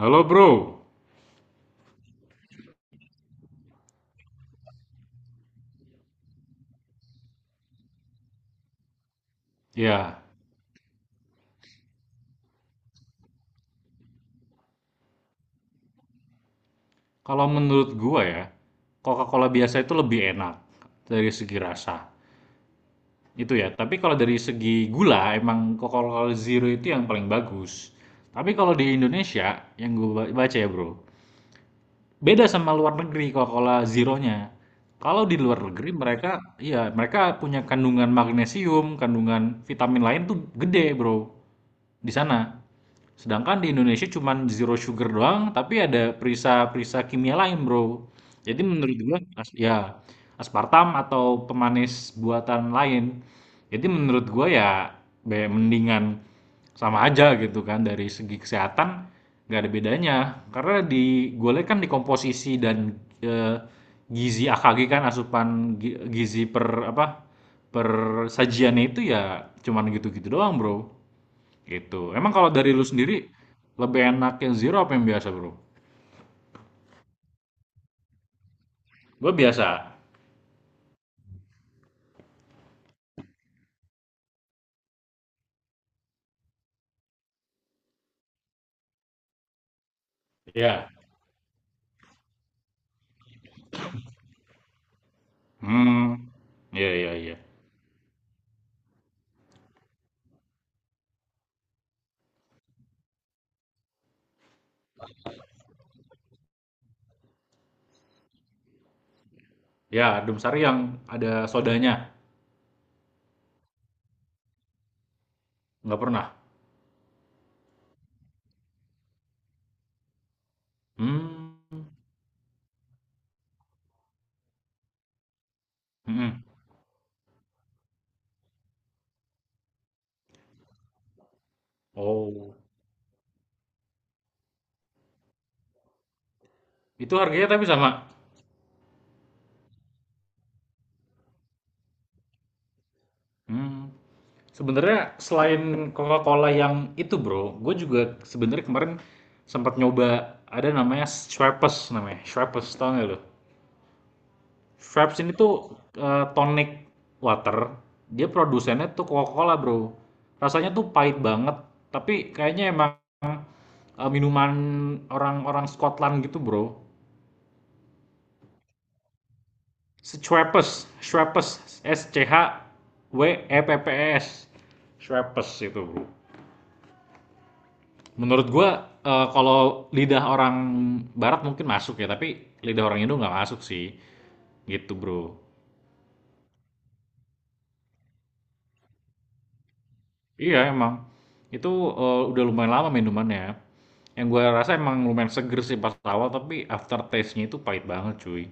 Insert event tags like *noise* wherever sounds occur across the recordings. Halo bro, ya kalau menurut gua ya Coca-Cola biasa itu lebih enak dari segi rasa itu ya. Tapi kalau dari segi gula emang Coca-Cola Zero itu yang paling bagus. Tapi kalau di Indonesia yang gua baca ya bro, beda sama luar negeri kalau kola zeronya. Kalau di luar negeri mereka, iya mereka punya kandungan magnesium, kandungan vitamin lain tuh gede bro di sana. Sedangkan di Indonesia cuman zero sugar doang, tapi ada perisa-perisa kimia lain bro. Jadi menurut gua ya aspartam atau pemanis buatan lain. Jadi menurut gua ya mendingan sama aja gitu kan dari segi kesehatan nggak ada bedanya. Karena di gulai kan di komposisi dan, eee, gizi AKG kan asupan gi gizi per apa, per sajiannya itu ya cuman gitu-gitu doang, Bro, gitu. Emang kalau dari lu sendiri lebih enak yang zero apa yang biasa, Bro? Gue biasa. Ya. Hmm. Iya, iya, iya. Ya, adem sari yang ada sodanya? Nggak pernah? Mmm. Mhm. Oh, itu harganya tapi sama? Mmm, sebenarnya selain Coca-Cola yang itu Bro, gue juga sebenarnya kemarin sempat nyoba ada namanya, Schweppes tau nggak lu? Schweppes ini tuh, tonic water, dia produsennya tuh Coca-Cola Bro. Rasanya tuh pahit banget, tapi kayaknya emang, minuman orang-orang Scotland gitu Bro. Schweppes, Schweppes, Schweppes, Schweppes itu Bro. Menurut gue kalau lidah orang barat mungkin masuk ya, tapi lidah orang Indo nggak masuk sih. Gitu, Bro. Iya, emang. Itu udah lumayan lama minumannya. Yang gue rasa emang lumayan seger sih pas awal, tapi after taste nya itu pahit banget, cuy.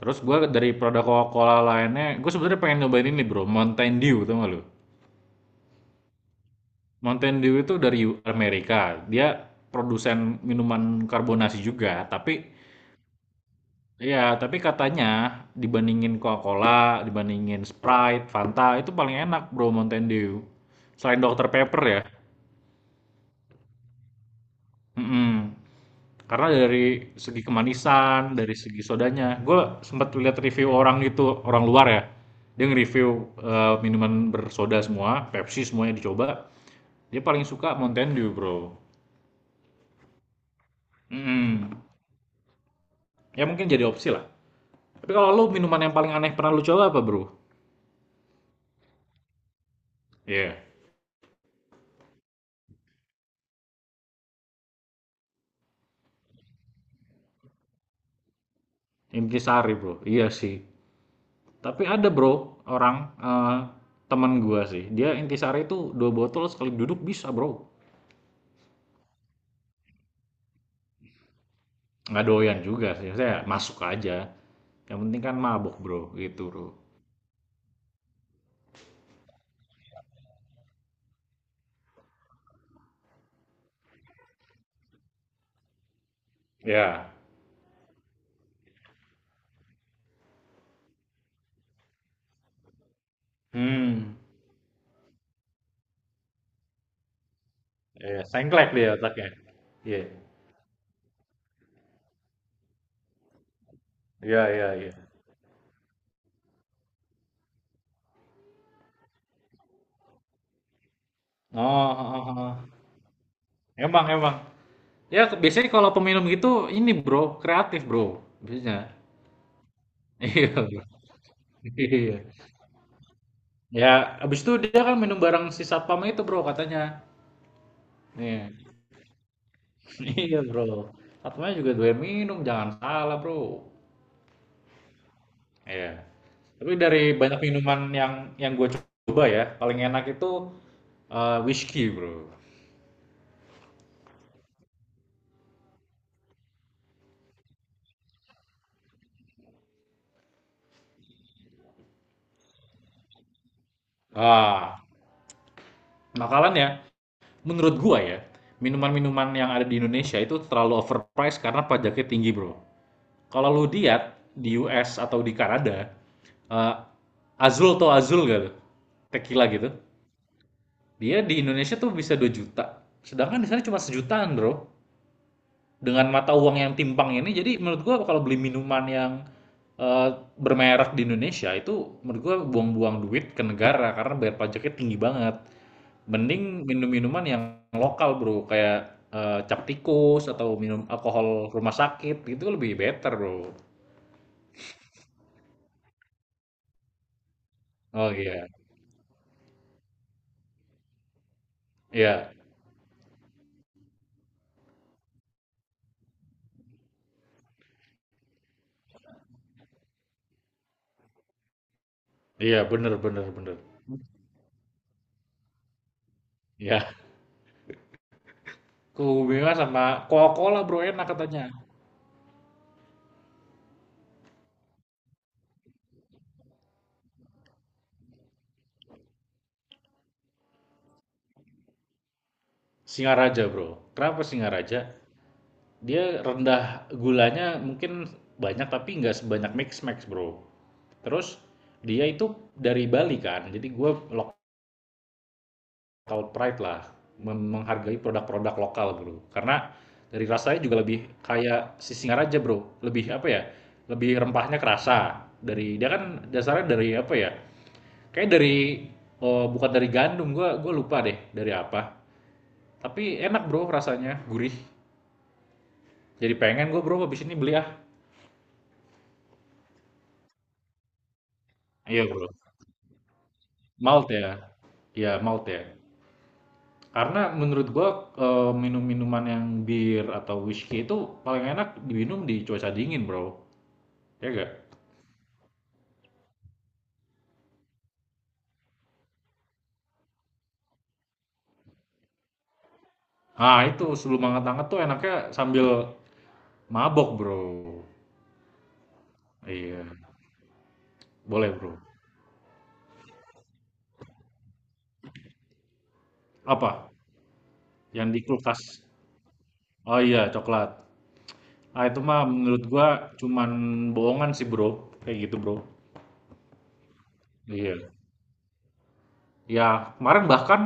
Terus gue dari produk Coca-Cola lainnya, gue sebenarnya pengen nyobain ini, Bro, Mountain Dew, tau gak lu? Mountain Dew itu dari Amerika. Dia produsen minuman karbonasi juga, tapi iya, tapi katanya dibandingin Coca-Cola, dibandingin Sprite, Fanta, itu paling enak Bro Mountain Dew. Selain Dr. Pepper ya. Mm-mm. Karena dari segi kemanisan, dari segi sodanya. Gue sempat lihat review orang gitu, orang luar ya. Dia nge-review minuman bersoda semua, Pepsi semuanya dicoba. Dia paling suka Mountain Dew, Bro. Mm-mm. Ya mungkin jadi opsi lah. Tapi kalau lu minuman yang paling aneh pernah lu coba apa, Bro? Iya. Intisari, Bro. Iya sih. Tapi ada bro, orang eh, temen gua sih. Dia intisari itu 2 botol sekali duduk bisa bro. Nggak doyan juga sih. Saya masuk aja. Yang penting kan mabok bro, gitu bro. Ya. Hmm. Ya, sengklek dia otaknya. Iya. Iya, iya, iya. Oh, oh, oh. Emang, emang. Ya, biasanya kalau peminum gitu ini bro, kreatif bro. Biasanya. *laughs* Iya, bro. Iya. Ya, abis itu dia kan minum barang si satpam itu bro katanya. Iya. Iya bro, Fatma juga doyan minum, jangan salah bro. Iya. Tapi dari banyak minuman yang gue coba ya, paling enak itu whisky bro. Ah, makalannya menurut gua ya, minuman-minuman yang ada di Indonesia itu terlalu overpriced karena pajaknya tinggi, Bro. Kalau lu lihat di US atau di Kanada, eh, Azul atau Azul gak tuh? Tequila gitu. Dia di Indonesia tuh bisa 2 juta. Sedangkan di sana cuma sejutaan, Bro. Dengan mata uang yang timpang ini jadi menurut gua kalau beli minuman yang eh, bermerek di Indonesia itu menurut gua buang-buang duit ke negara karena bayar pajaknya tinggi banget, mending minum minuman yang lokal bro, kayak cap tikus atau minum alkohol rumah sakit gitu lebih better bro. Oh iya, iya, iya, bener, bener, bener, iya. *laughs* Kubu sama Coca-Cola bro enak katanya. Singaraja bro, kenapa Singaraja? Dia rendah gulanya mungkin banyak tapi nggak sebanyak Mix Max, Bro. Terus dia itu dari Bali kan, jadi gue local pride lah menghargai produk-produk lokal, Bro. Karena dari rasanya juga lebih kayak si Singaraja, Bro. Lebih apa ya? Lebih rempahnya kerasa. Dari dia kan dasarnya dari apa ya? Kayak dari, oh, bukan dari gandum, gue lupa deh dari apa. Tapi enak, Bro, rasanya, gurih. Jadi pengen gue, Bro, habis ini beli ah. Iya, Bro. Malt ya, ya malt ya. Karena menurut gua minum-minuman yang bir atau whisky itu paling enak diminum di cuaca dingin bro, ya gak? Ah itu sebelum hangat-hangat tuh enaknya sambil mabok bro. Iya, boleh bro. Apa? Yang di kulkas? Oh iya, coklat. Ah itu mah menurut gua cuman bohongan sih bro, kayak gitu bro. Iya. Ya kemarin bahkan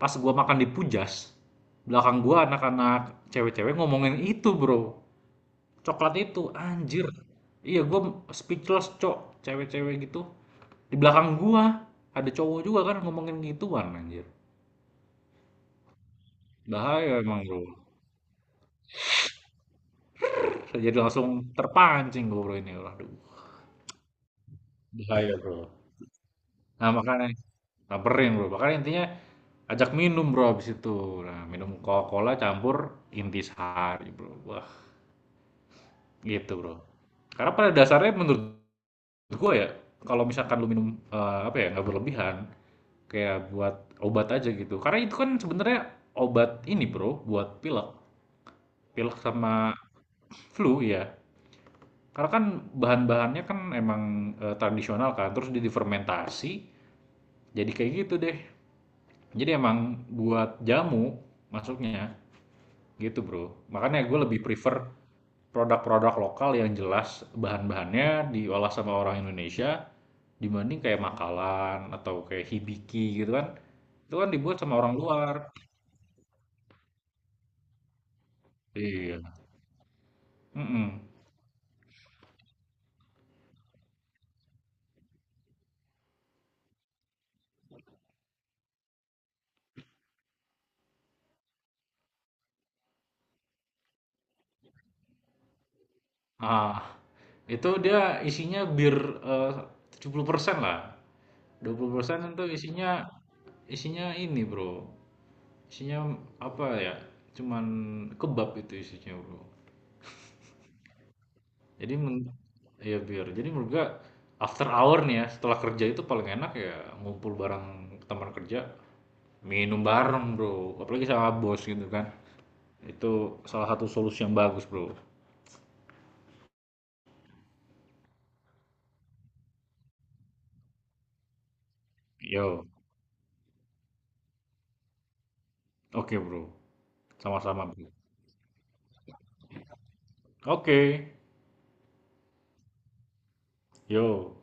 pas gue makan di Pujas, belakang gue anak-anak cewek-cewek ngomongin itu, Bro. Coklat itu, anjir. Iya, gue speechless, Cok. Cewek-cewek gitu. Di belakang gue ada cowok juga kan ngomongin gituan, anjir. Bahaya emang, Bro. Saya jadi langsung terpancing gue Bro ini. Waduh, bahaya, Bro. Nah, makanya samperin, Bro. Makanya intinya ajak minum, Bro, abis itu. Nah, minum Coca-Cola campur intisari, Bro. Wah, gitu, Bro. Karena pada dasarnya menurut Menurut gue ya, kalau misalkan lu minum, apa ya, nggak berlebihan, kayak buat obat aja gitu. Karena itu kan sebenarnya obat ini Bro, buat pilek. Pilek sama flu ya. Karena kan bahan-bahannya kan emang, tradisional kan, terus dia difermentasi, jadi kayak gitu deh. Jadi emang buat jamu masuknya, gitu Bro. Makanya gue lebih prefer produk-produk lokal yang jelas bahan-bahannya diolah sama orang Indonesia, dibanding kayak makalan atau kayak hibiki gitu kan. Itu kan dibuat sama orang luar. Iya. Mm-mm. Ah, itu dia isinya bir eh, 70% lah. 20% itu isinya isinya ini, Bro. Isinya apa ya? Cuman kebab itu isinya, Bro. Jadi ya biar. Jadi menurut gua after hour nih ya, setelah kerja itu paling enak ya ngumpul bareng teman kerja, minum bareng, Bro. Apalagi sama bos gitu kan. Itu salah satu solusi yang bagus, Bro. Yo. Oke, Bro. Sama-sama, Bro. Oke. Yo.